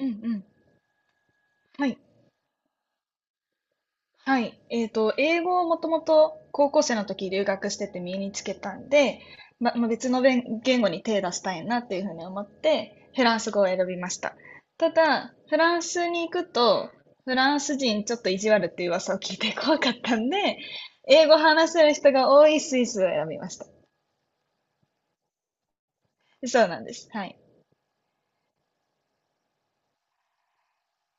うんうん。はい。はい。英語をもともと高校生の時留学してて身につけたんで、まあ別の言語に手出したいなっていうふうに思って、フランス語を選びました。ただ、フランスに行くと、フランス人ちょっと意地悪っていう噂を聞いて怖かったんで、英語話せる人が多いスイスを選びました。そうなんです。はい。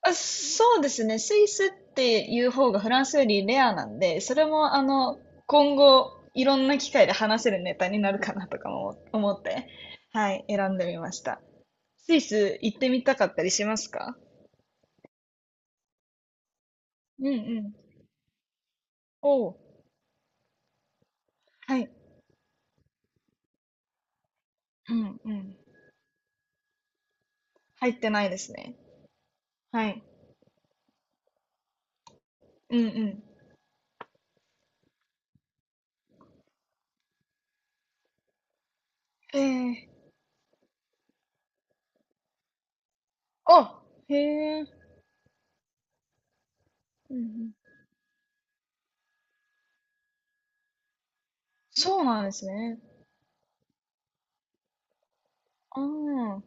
あ、そうですね。スイスっていう方がフランスよりレアなんで、それも今後いろんな機会で話せるネタになるかなとかも思って、はい、選んでみました。スイス行ってみたかったりしますか？うんうん。おう、はい。うんうん。入ってないですね。はい。うんうん。ええ、あ、へえ。うんうん。そうなんですね。あ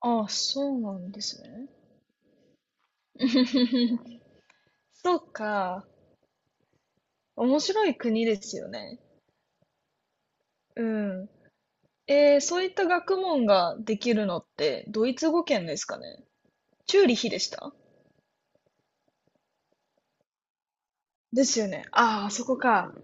あ、あ、そうなんですね。そうか。面白い国ですよね。うん。えー、そういった学問ができるのってドイツ語圏ですかね。チューリヒでした？ですよね。ああ、あそこか。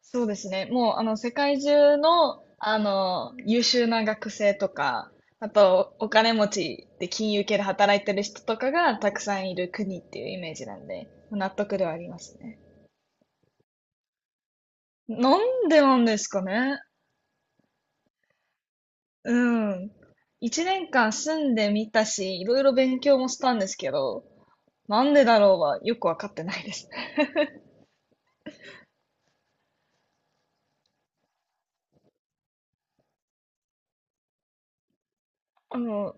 そうですね。もう、世界中の、優秀な学生とか、あと、お金持ちで金融系で働いてる人とかがたくさんいる国っていうイメージなんで、納得ではありますね。なんでなんですかね。うん。一年間住んでみたし、いろいろ勉強もしたんですけど、なんでだろうはよくわかってないです。うん。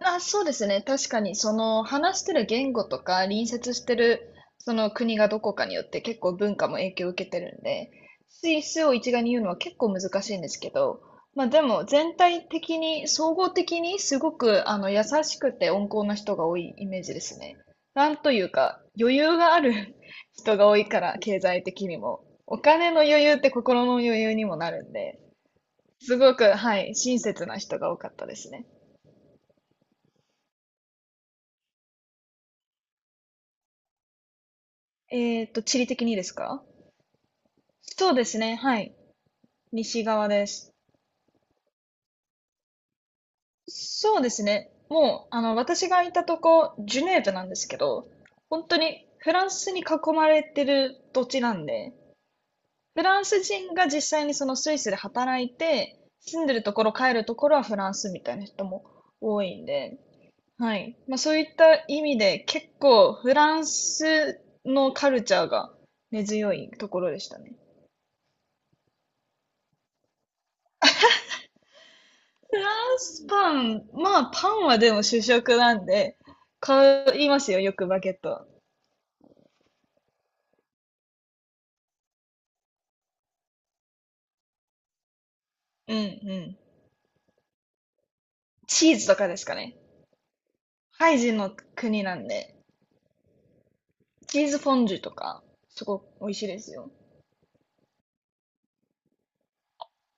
あ、そうですね。確かに、その話してる言語とか、隣接してるその国がどこかによって結構文化も影響を受けてるんで、スイスを一概に言うのは結構難しいんですけど、まあでも全体的に、総合的にすごく優しくて温厚な人が多いイメージですね。なんというか、余裕がある 人が多いから、経済的にも。お金の余裕って心の余裕にもなるんで、すごく、はい、親切な人が多かったですね。えーっと、地理的にですか？そうですね。はい。西側です。そうですね。もう、私がいたとこ、ジュネーブなんですけど、本当にフランスに囲まれてる土地なんで、フランス人が実際にそのスイスで働いて、住んでるところ、帰るところはフランスみたいな人も多いんで、はい。まあそういった意味で、結構フランスのカルチャーが根強いところでしたね。フランスパン、まあパンはでも主食なんで、買いますよ、よくバゲット。うんうん。チーズとかですかね。ハイジの国なんで、チーズフォンデュとか、すごく美味しいですよ。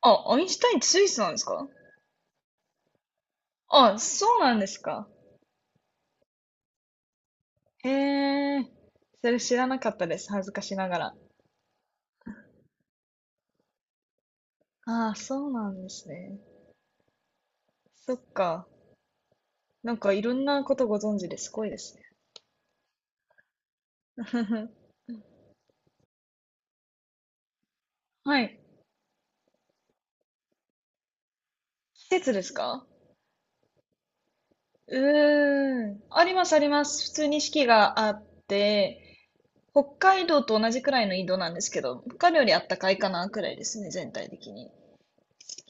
あ、アインシュタインってスイスなんですか？あ、そうなんですか。へえ、それ知らなかったです、恥ずかしながら。ああ、そうなんですね。そっか。なんかいろんなことご存知ですごいですね。はい。季節ですか？うーん。あります、あります。普通に四季があって、北海道と同じくらいの緯度なんですけど、北海道よりあったかいかな、くらいですね、全体的に。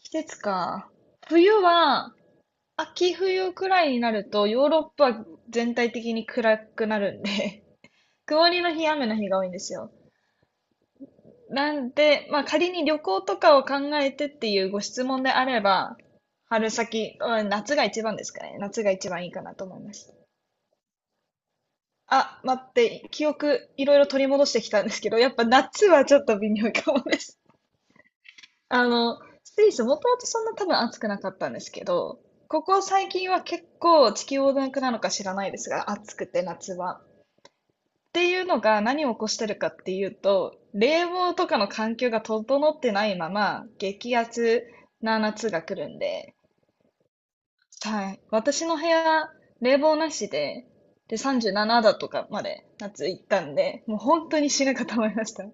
季節か。冬は、秋冬くらいになると、ヨーロッパは全体的に暗くなるんで 曇りの日、雨の日が多いんですよ。なんで、まあ仮に旅行とかを考えてっていうご質問であれば、春先、うん夏が一番ですかね。夏が一番いいかなと思います。あ、待って、記憶いろいろ取り戻してきたんですけど、やっぱ夏はちょっと微妙かもです。スイスもともとそんな多分暑くなかったんですけど、ここ最近は結構地球温暖化なのか知らないですが、暑くて夏は。っていうのが何を起こしてるかっていうと、冷房とかの環境が整ってないまま激アツな夏が来るんで、はい。私の部屋、冷房なしで、で、37度とかまで夏行ったんで、もう本当に死ぬかと思いました。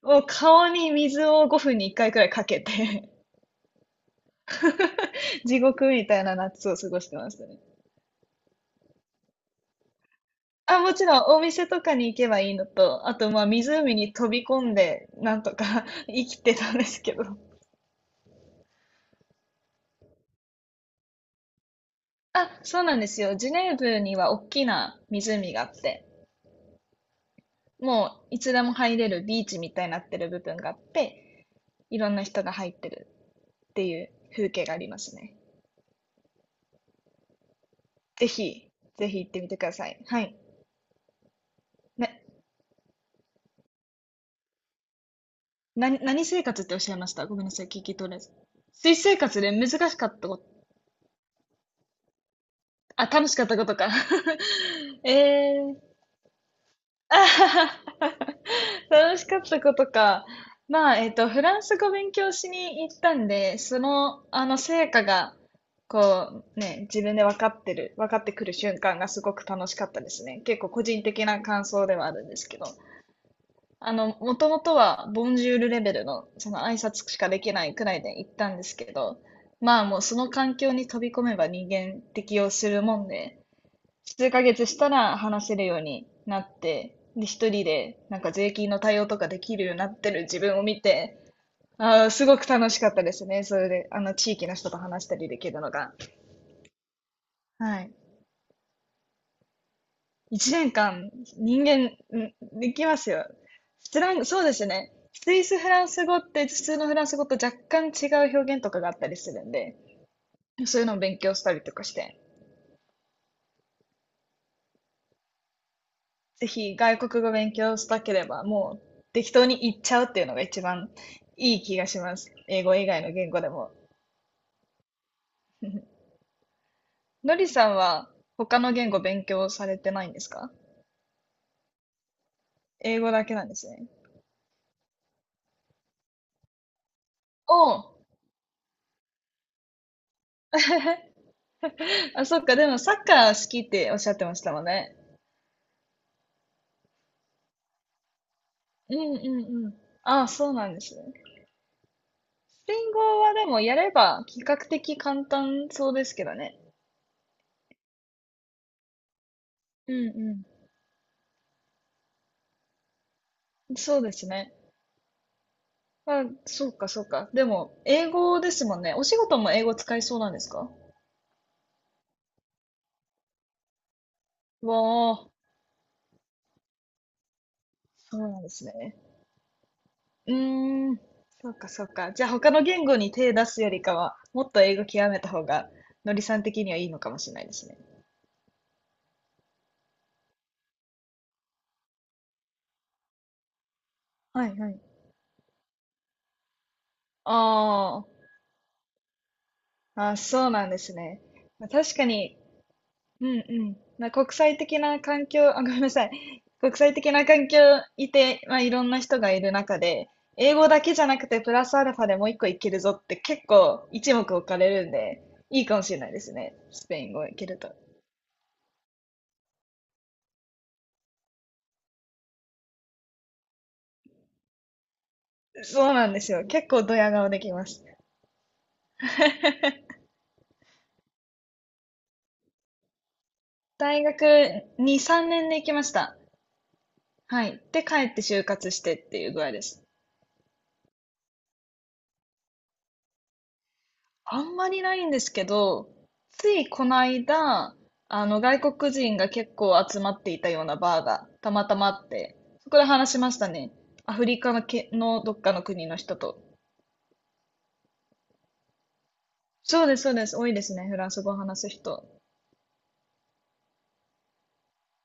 もう顔に水を5分に1回くらいかけて 地獄みたいな夏を過ごしてましたね。あ、もちろんお店とかに行けばいいのと、あとまあ湖に飛び込んでなんとか 生きてたんですけど。あ、そうなんですよ。ジュネーブには大きな湖があって、もういつでも入れるビーチみたいになってる部分があって、いろんな人が入ってる。っていう風景がありますね。ぜひ、ぜひ行ってみてください。はい。な、何生活っておっしゃいました？ごめんなさい、聞き取れず。水生活で難しかったこと、あ、楽しかったことか。えー、あははは楽しかったことか。まあ、フランス語勉強しに行ったんで、成果が、こう、ね、自分で分かってる、分かってくる瞬間がすごく楽しかったですね。結構個人的な感想ではあるんですけど。もともとは、ボンジュールレベルの、その挨拶しかできないくらいで行ったんですけど、まあもうその環境に飛び込めば人間適応するもんで、数ヶ月したら話せるようになって、で、一人で、なんか税金の対応とかできるようになってる自分を見て、ああ、すごく楽しかったですね。それで、地域の人と話したりできるのが。はい。一年間、人間、うんできますよ。フラン、そうですね。スイスフランス語って普通のフランス語と若干違う表現とかがあったりするんで、そういうのを勉強したりとかして、ぜひ外国語勉強したければ、もう適当に言っちゃうっていうのが一番いい気がします。英語以外の言語でも。のりさんは他の言語勉強されてないんですか？英語だけなんですね。おう、あ、そっか、でもサッカー好きっておっしゃってましたもんね。うんうんうん。ああ、そうなんですね。スペイン語はでもやれば比較的簡単そうですけどね。うんうん。そうですね。あ、そうかそうか。でも、英語ですもんね。お仕事も英語使いそうなんですか？わあ、そうなんですね。うーん。そうかそうか。じゃあ他の言語に手出すよりかは、もっと英語極めた方が、のりさん的にはいいのかもしれないですね。はいはい。あー、あ、そうなんですね。まあ確かにうんうん。まあ、国際的な環境、あ、ごめんなさい。国際的な環境いて、まあ、いろんな人がいる中で、英語だけじゃなくてプラスアルファでもう一個いけるぞって結構一目置かれるんで、いいかもしれないですね。スペイン語いけると。そうなんですよ。結構ドヤ顔できます。大学2、3年で行きました。はい。で、帰って就活してっていう具合です。あんまりないんですけど、ついこの間、あの外国人が結構集まっていたようなバーがたまたまあって、そこで話しましたね。アフリカのけ、のどっかの国の人と。そうです、そうです。多いですね。フランス語を話す人。